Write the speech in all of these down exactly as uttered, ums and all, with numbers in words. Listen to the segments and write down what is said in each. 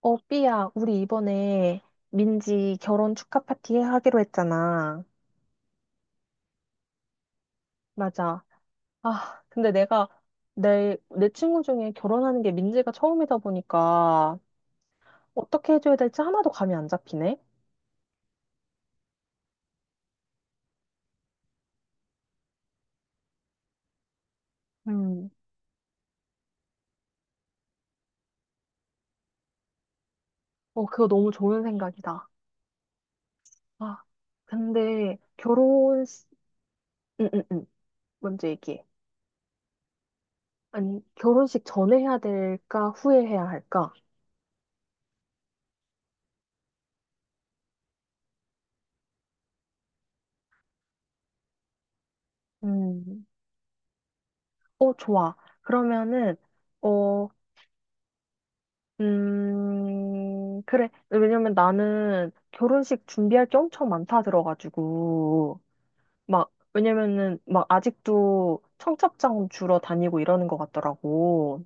어, 삐야, 우리 이번에 민지 결혼 축하 파티 하기로 했잖아. 맞아. 아, 근데 내가 내, 내 친구 중에 결혼하는 게 민지가 처음이다 보니까 어떻게 해줘야 될지 하나도 감이 안 잡히네. 음, 어, 그거 너무 좋은 생각이다. 아, 근데 결혼, 응, 응, 응. 먼저 얘기해. 아니, 결혼식 전에 해야 될까, 후에 해야 할까? 음, 어, 좋아. 그러면은, 어, 음, 그래. 왜냐면 나는 결혼식 준비할 게 엄청 많다 들어가지고, 막, 왜냐면은 막 아직도 청첩장 주러 다니고 이러는 것 같더라고.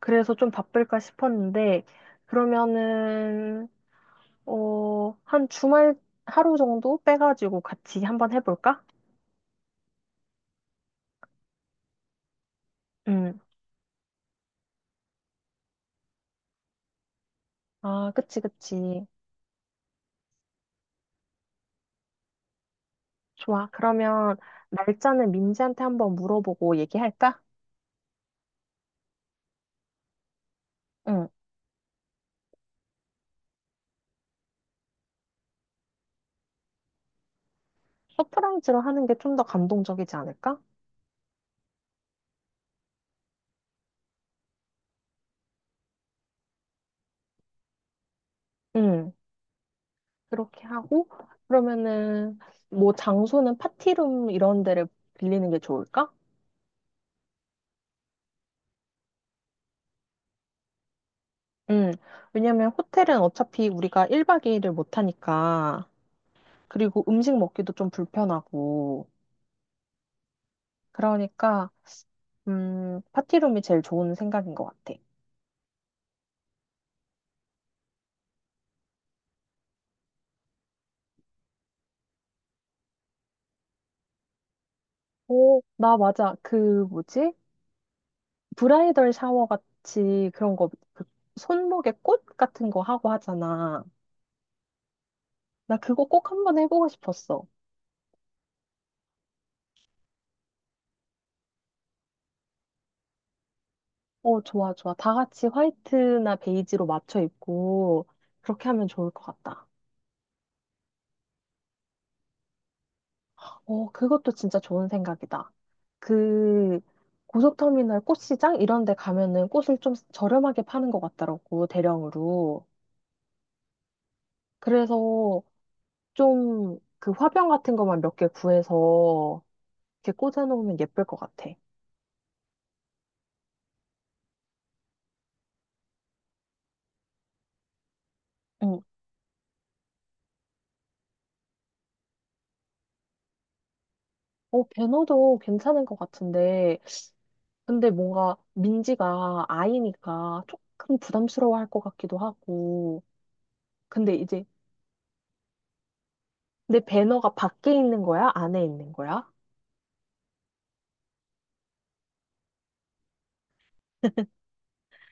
그래서 좀 바쁠까 싶었는데, 그러면은, 어, 한 주말 하루 정도 빼가지고 같이 한번 해볼까? 응. 아, 그치, 그치. 좋아. 그러면 날짜는 민지한테 한번 물어보고 얘기할까? 응. 서프라이즈로 하는 게 좀 더 감동적이지 않을까? 응, 그렇게 하고, 그러면은, 뭐, 장소는 파티룸 이런 데를 빌리는 게 좋을까? 응, 왜냐면 호텔은 어차피 우리가 일 박 이 일을 못 하니까, 그리고 음식 먹기도 좀 불편하고, 그러니까, 음, 파티룸이 제일 좋은 생각인 것 같아. 오, 나 맞아. 그, 뭐지? 브라이덜 샤워 같이 그런 거, 그 손목에 꽃 같은 거 하고 하잖아. 나 그거 꼭 한번 해보고 싶었어. 어, 좋아, 좋아. 다 같이 화이트나 베이지로 맞춰 입고 그렇게 하면 좋을 것 같다. 어, 그것도 진짜 좋은 생각이다. 그 고속터미널 꽃시장 이런 데 가면은 꽃을 좀 저렴하게 파는 것 같더라고, 대령으로. 그래서 좀 그 화병 같은 것만 몇 개 구해서 이렇게 꽂아놓으면 예쁠 것 같아. 응. 어, 배너도 괜찮은 것 같은데 근데 뭔가 민지가 아이니까 조금 부담스러워 할 것 같기도 하고. 근데 이제 내 배너가 밖에 있는 거야? 안에 있는 거야?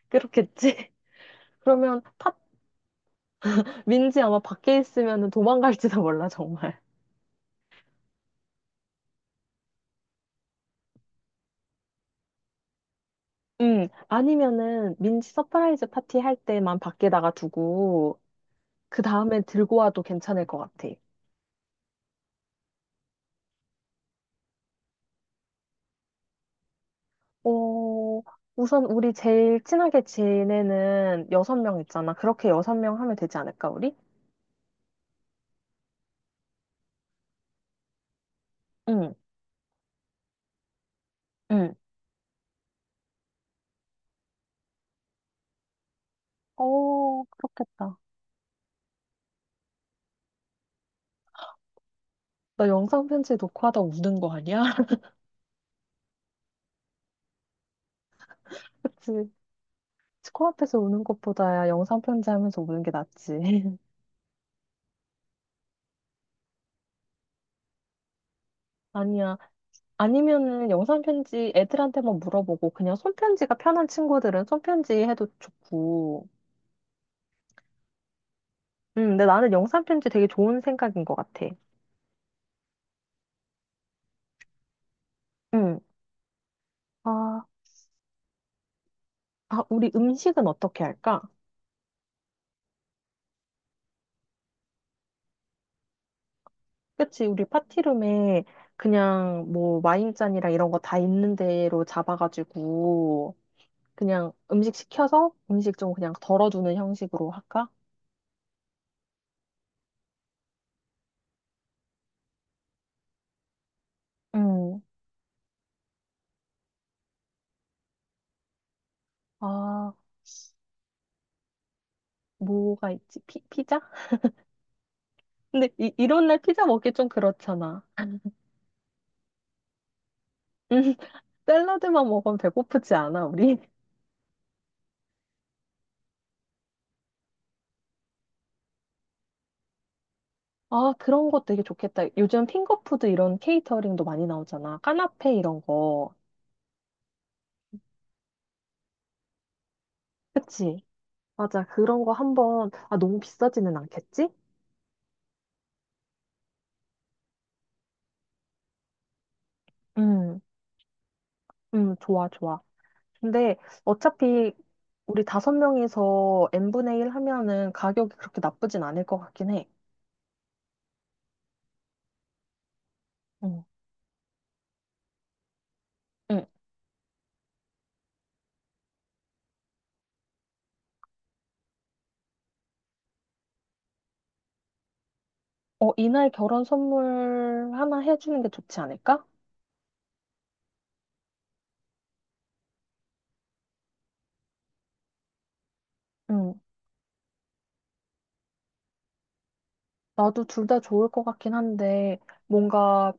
그렇겠지? 그러면 팟, 민지 아마 밖에 있으면 도망갈지도 몰라, 정말. 음, 아니면은 민지 서프라이즈 파티 할 때만 밖에다가 두고, 그 다음에 들고 와도 괜찮을 것 같아. 어, 우선 우리 제일 친하게 지내는 여섯 명 있잖아. 그렇게 여섯 명 하면 되지 않을까, 우리? 응. 응. 어, 그렇겠다. 나 영상 편지 녹화 하다 우는 거 아니야? 그치. 코앞에서 우는 것보다야 영상 편지 하면서 우는 게 낫지. 아니야. 아니면은 영상 편지 애들한테만 물어보고 그냥 손편지가 편한 친구들은 손편지 해도 좋고. 음, 근데 나는 영상 편지 되게 좋은 생각인 것 같아. 응. 아, 아, 우리 음식은 어떻게 할까? 그치, 우리 파티룸에 그냥 뭐 와인잔이랑 이런 거 다 있는 대로 잡아가지고 그냥 음식 시켜서 음식 좀 그냥 덜어주는 형식으로 할까? 음. 아, 뭐가 있지? 피, 피자? 근데 이, 이런 날 피자 먹기 좀 그렇잖아. 음, 샐러드만 먹으면 배고프지 않아, 우리? 아, 그런 거 되게 좋겠다. 요즘 핑거푸드 이런 케이터링도 많이 나오잖아. 까나페 이런 거. 그치? 맞아. 그런 거 한번, 아, 너무 비싸지는 않겠지? 음, 음, 좋아, 좋아. 근데 어차피 우리 다섯 명이서 n분의 일 하면은 가격이 그렇게 나쁘진 않을 것 같긴 해. 응. 응. 어, 이날 결혼 선물 하나 해주는 게 좋지 않을까? 응. 나도 둘 다 좋을 것 같긴 한데, 뭔가,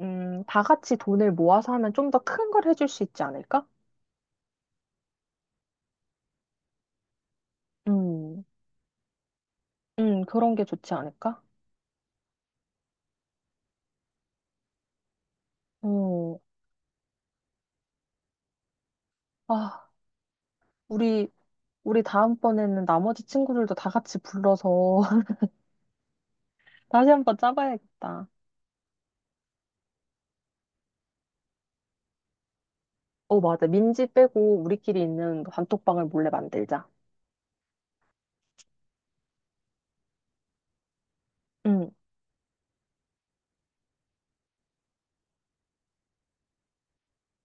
음, 다 같이 돈을 모아서 하면 좀 더 큰 걸 해줄 수 있지 않을까? 음, 음, 그런 게 좋지 않을까? 어. 아, 우리, 우리 다음번에는 나머지 친구들도 다 같이 불러서 다시 한번 짜봐야겠다. 어, 맞아. 민지 빼고 우리끼리 있는 단톡방을 몰래 만들자. 응,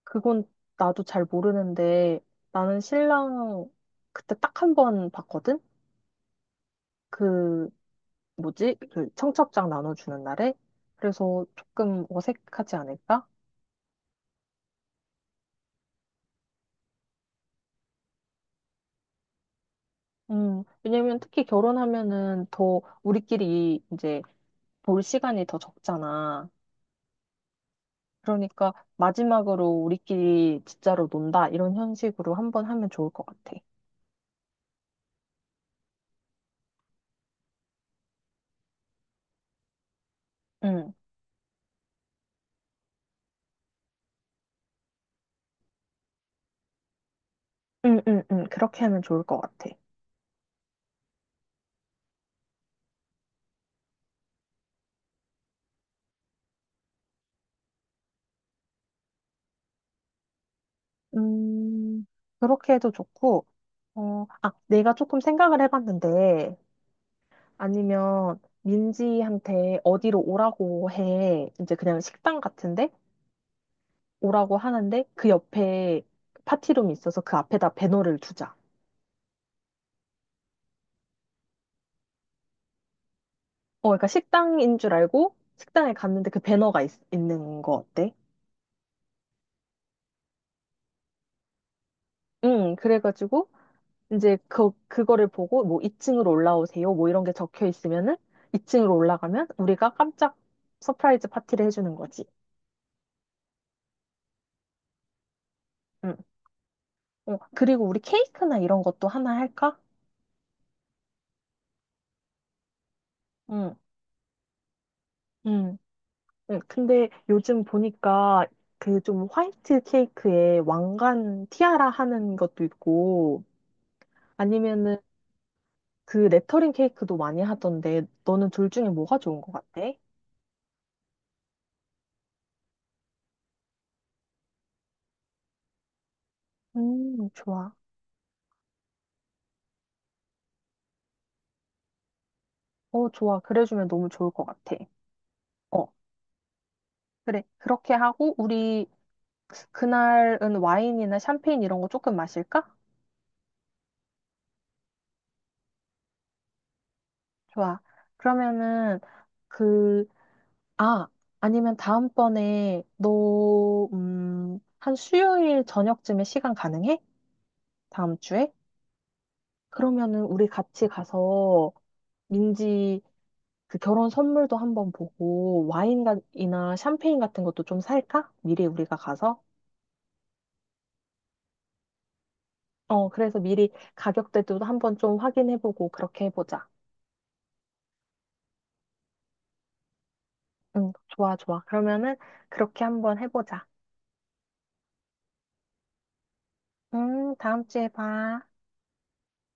그건 나도 잘 모르는데 나는 신랑 그때 딱 한 번 봤거든? 그 뭐지? 그 청첩장 나눠주는 날에? 그래서 조금 어색하지 않을까? 음, 왜냐면 특히 결혼하면은 더 우리끼리 이제 볼 시간이 더 적잖아. 그러니까 마지막으로 우리끼리 진짜로 논다 이런 형식으로 한 번 하면 좋을 것 같아. 응. 응, 응, 응. 그렇게 하면 좋을 것 같아. 음, 그렇게 해도 좋고, 어, 아, 내가 조금 생각을 해봤는데, 아니면 민지한테 어디로 오라고 해. 이제 그냥 식당 같은데? 오라고 하는데, 그 옆에 파티룸이 있어서 그 앞에다 배너를 두자. 어, 그러니까 식당인 줄 알고, 식당에 갔는데 그 배너가 있, 있는 거 어때? 응, 그래가지고, 이제 그 그거를 보고 뭐 이 층으로 올라오세요. 뭐 이런 게 적혀 있으면은 이 층으로 올라가면 우리가 깜짝 서프라이즈 파티를 해주는 거지. 응. 어, 그리고 우리 케이크나 이런 것도 하나 할까? 응. 응. 응. 근데 요즘 보니까 그 좀 화이트 케이크에 왕관 티아라 하는 것도 있고 아니면은 그 레터링 케이크도 많이 하던데 너는 둘 중에 뭐가 좋은 것 같아? 음, 좋아. 어, 좋아. 그래주면 너무 좋을 것 같아. 어. 그래, 그렇게 하고, 우리, 그날은 와인이나 샴페인 이런 거 조금 마실까? 좋아. 그러면은, 그, 아, 아니면 다음번에, 너, 음, 한 수요일 저녁쯤에 시간 가능해? 다음 주에? 그러면은, 우리 같이 가서, 민지 그 결혼 선물도 한번 보고, 와인이나 샴페인 같은 것도 좀 살까? 미리 우리가 가서? 어, 그래서 미리 가격대도 한번 좀 확인해보고, 그렇게 해보자. 응, 좋아, 좋아. 그러면은 그렇게 한번 해보자. 음, 다음 주에 봐.